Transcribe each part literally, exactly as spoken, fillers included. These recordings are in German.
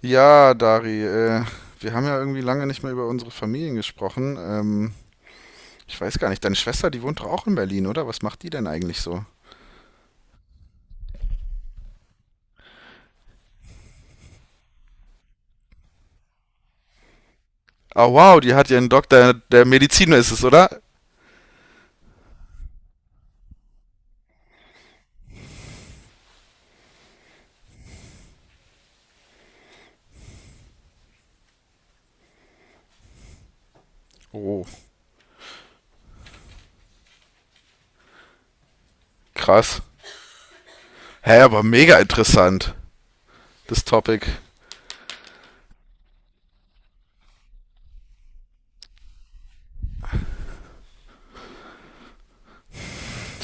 Ja, Dari, äh, wir haben ja irgendwie lange nicht mehr über unsere Familien gesprochen. Ähm, ich weiß gar nicht, deine Schwester, die wohnt doch auch in Berlin, oder? Was macht die denn eigentlich so? Ah, wow, die hat ja einen Doktor der Medizin, ist es, oder? Oh, krass. Hä, aber mega interessant, das Topic.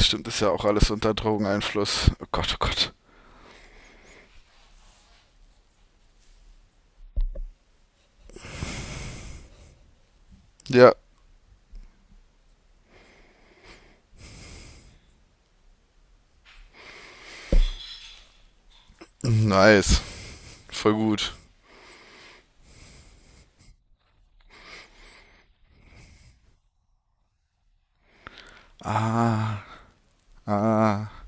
Stimmt, ist ja auch alles unter Drogeneinfluss. Oh Gott, oh Gott. Ja, nice. Voll gut. Ah, ah.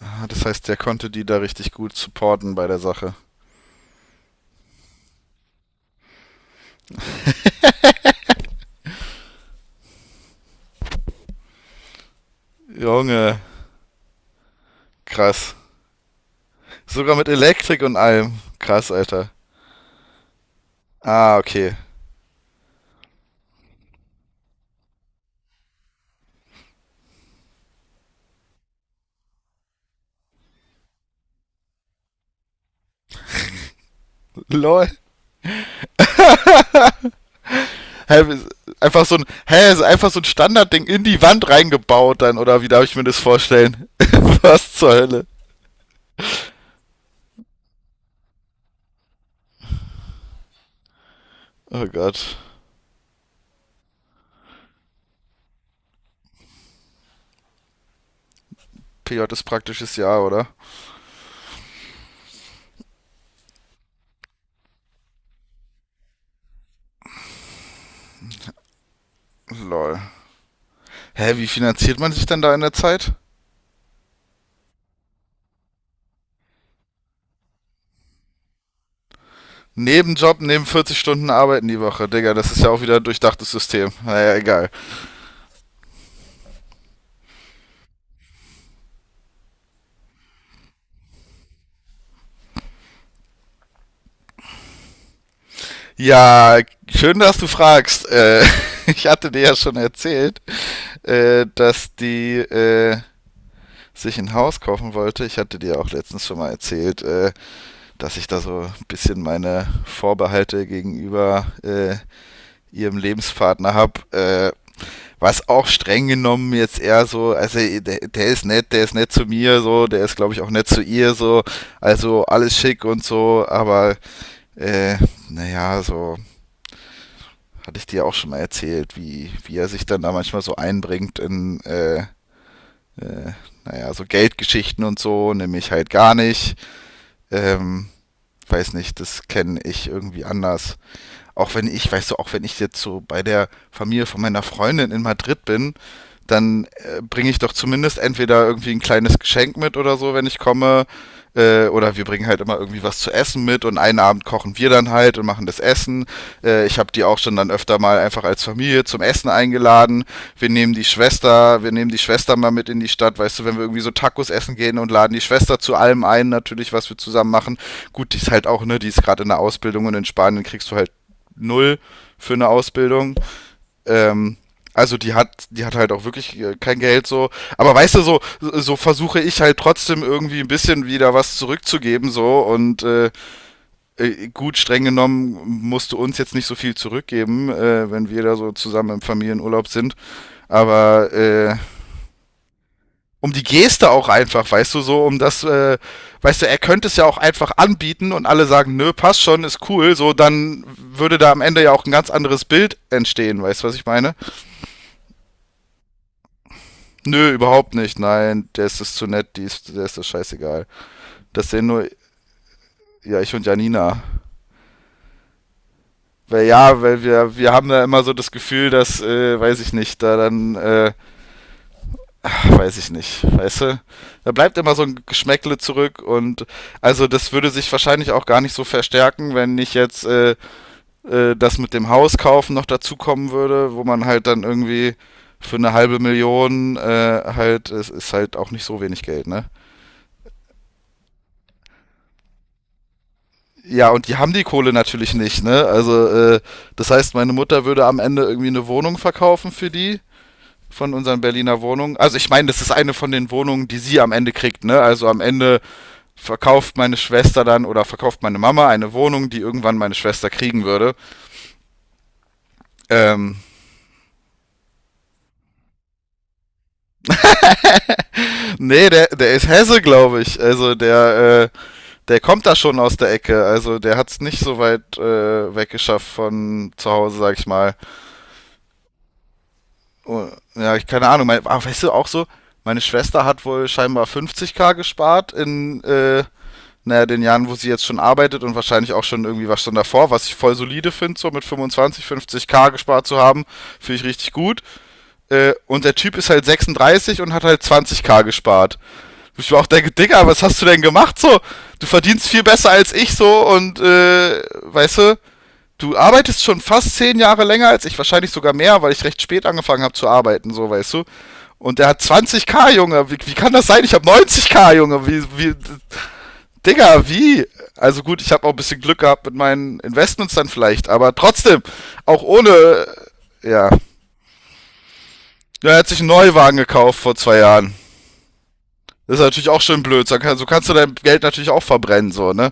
Ah, das heißt, der konnte die da richtig gut supporten bei der Sache. Junge, krass. Sogar mit Elektrik und allem. Krass, Alter. Ah, okay. Lol. Hä, einfach so ein, hä, ist einfach so ein Standardding in die Wand reingebaut dann, oder wie darf ich mir das vorstellen? Was zur Hölle? Oh Gott. P J ist praktisches Jahr, oder? Lol. Hä, wie finanziert man sich denn da in der Zeit? Nebenjob, neben vierzig Stunden Arbeiten die Woche. Digga, das ist ja auch wieder ein durchdachtes System. Naja, egal. Ja, schön, dass du fragst. Äh, ich hatte dir ja schon erzählt, äh, dass die, äh, sich ein Haus kaufen wollte. Ich hatte dir auch letztens schon mal erzählt, äh, dass ich da so ein bisschen meine Vorbehalte gegenüber äh, ihrem Lebenspartner habe, äh, was auch streng genommen jetzt eher so, also der, der ist nett, der ist nett zu mir, so, der ist glaube ich auch nett zu ihr, so, also alles schick und so, aber äh, naja, so hatte ich dir auch schon mal erzählt, wie, wie er sich dann da manchmal so einbringt in, äh, äh, naja, so Geldgeschichten und so, nämlich halt gar nicht. Ähm, weiß nicht, das kenne ich irgendwie anders, auch wenn ich, weißt du, auch wenn ich jetzt so bei der Familie von meiner Freundin in Madrid bin, dann äh, bringe ich doch zumindest entweder irgendwie ein kleines Geschenk mit oder so, wenn ich komme. Äh, oder wir bringen halt immer irgendwie was zu essen mit, und einen Abend kochen wir dann halt und machen das Essen. Äh, ich habe die auch schon dann öfter mal einfach als Familie zum Essen eingeladen. Wir nehmen die Schwester, wir nehmen die Schwester mal mit in die Stadt, weißt du, wenn wir irgendwie so Tacos essen gehen, und laden die Schwester zu allem ein, natürlich, was wir zusammen machen. Gut, die ist halt auch, ne, die ist gerade in der Ausbildung, und in Spanien kriegst du halt null für eine Ausbildung. Ähm, also die hat, die hat halt auch wirklich äh, kein Geld so. Aber weißt du, so, so versuche ich halt trotzdem irgendwie ein bisschen wieder was zurückzugeben so. Und äh, äh, gut, streng genommen musst du uns jetzt nicht so viel zurückgeben, äh, wenn wir da so zusammen im Familienurlaub sind. Aber äh, um die Geste auch einfach, weißt du, so um das, äh, weißt du, er könnte es ja auch einfach anbieten, und alle sagen, nö, passt schon, ist cool, so, dann würde da am Ende ja auch ein ganz anderes Bild entstehen, weißt du, was ich meine? Nö, überhaupt nicht, nein, der ist es zu nett, die ist, der ist das scheißegal. Das sehen nur, ja, ich und Janina. Weil ja, weil wir, wir haben da immer so das Gefühl, dass, äh, weiß ich nicht, da dann, äh, weiß ich nicht, weißt du? Da bleibt immer so ein Geschmäckle zurück, und also das würde sich wahrscheinlich auch gar nicht so verstärken, wenn nicht jetzt äh, äh, das mit dem Haus kaufen noch dazukommen würde, wo man halt dann irgendwie für eine halbe Million äh, halt, es ist halt auch nicht so wenig Geld, ne? Ja, und die haben die Kohle natürlich nicht, ne? Also, äh, das heißt, meine Mutter würde am Ende irgendwie eine Wohnung verkaufen für die von unseren Berliner Wohnungen. Also ich meine, das ist eine von den Wohnungen, die sie am Ende kriegt, ne? Also am Ende verkauft meine Schwester dann, oder verkauft meine Mama eine Wohnung, die irgendwann meine Schwester kriegen würde. Ähm, Nee, der, der ist Hesse, glaube ich. Also der, äh, der kommt da schon aus der Ecke. Also der hat es nicht so weit äh, weggeschafft von zu Hause, sag ich mal. Oh, ja, ich keine Ahnung. Mein, ah, weißt du, auch so, meine Schwester hat wohl scheinbar fünfzig k gespart in, äh, naja, den Jahren, wo sie jetzt schon arbeitet, und wahrscheinlich auch schon irgendwie was schon davor, was ich voll solide finde, so mit fünfundzwanzig, fünfzig k gespart zu haben, finde ich richtig gut. Äh, und der Typ ist halt sechsunddreißig und hat halt zwanzig k gespart. Ich war auch denke, Digga, was hast du denn gemacht so? Du verdienst viel besser als ich so, und äh, weißt du, du arbeitest schon fast zehn Jahre länger als ich, wahrscheinlich sogar mehr, weil ich recht spät angefangen habe zu arbeiten, so weißt du. Und der hat zwanzig k, Junge, wie, wie kann das sein? Ich habe neunzig k, Junge, wie, wie, Digga, wie? Also gut, ich habe auch ein bisschen Glück gehabt mit meinen Investments dann vielleicht, aber trotzdem, auch ohne, ja. Ja, er hat sich einen Neuwagen gekauft vor zwei Jahren. Das ist natürlich auch schön blöd. So so kannst du dein Geld natürlich auch verbrennen, so, ne?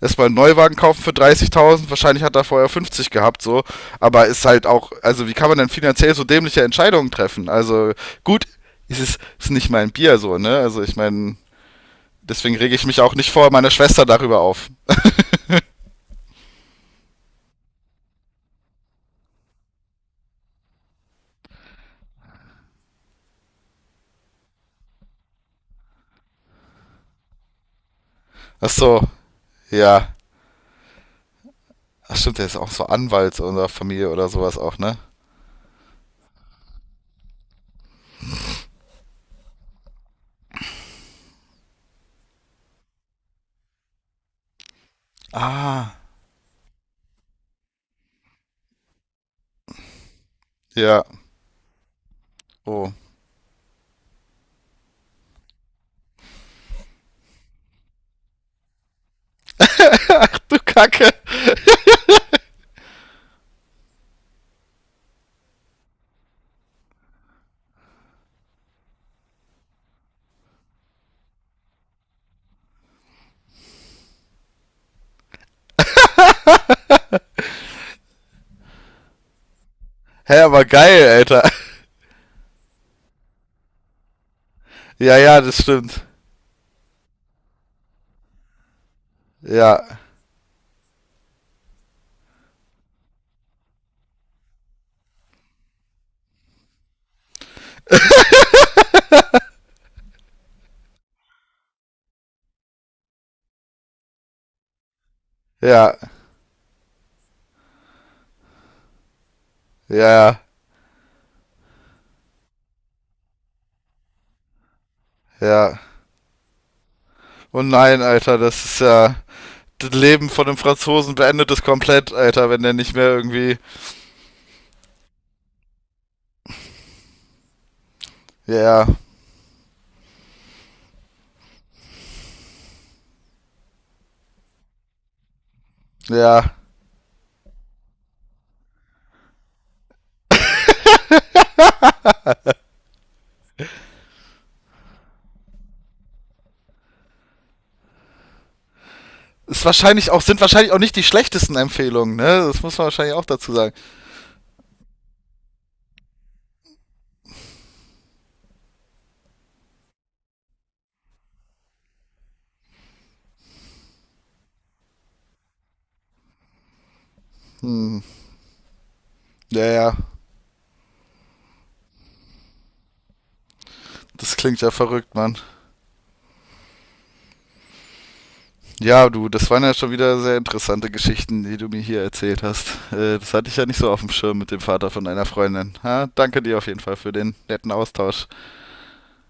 Erstmal einen Neuwagen kaufen für dreißigtausend, wahrscheinlich hat er vorher fünfzig gehabt, so. Aber ist halt auch, also wie kann man denn finanziell so dämliche Entscheidungen treffen? Also gut, es ist, ist nicht mein Bier, so, ne? Also ich meine, deswegen rege ich mich auch nicht vor meiner Schwester darüber auf. Ach so, ja. Ach stimmt, der ist auch so Anwalt unserer Familie oder sowas auch, ne? Ah. Ja. Oh. Du Kacke. Hä, aber geil, Alter. Ja, ja, das stimmt. Ja. Ja. Ja, ja. Ja. Oh nein, Alter, das ist ja. Das Leben von einem Franzosen beendet es komplett, Alter, wenn der nicht mehr irgendwie. Ja, ja. Ist wahrscheinlich auch, sind wahrscheinlich auch nicht die schlechtesten Empfehlungen, ne? Das muss man wahrscheinlich auch dazu sagen. Hm. Ja, ja. Das klingt ja verrückt, Mann. Ja, du, das waren ja schon wieder sehr interessante Geschichten, die du mir hier erzählt hast. Äh, das hatte ich ja nicht so auf dem Schirm mit dem Vater von einer Freundin. Ha, danke dir auf jeden Fall für den netten Austausch.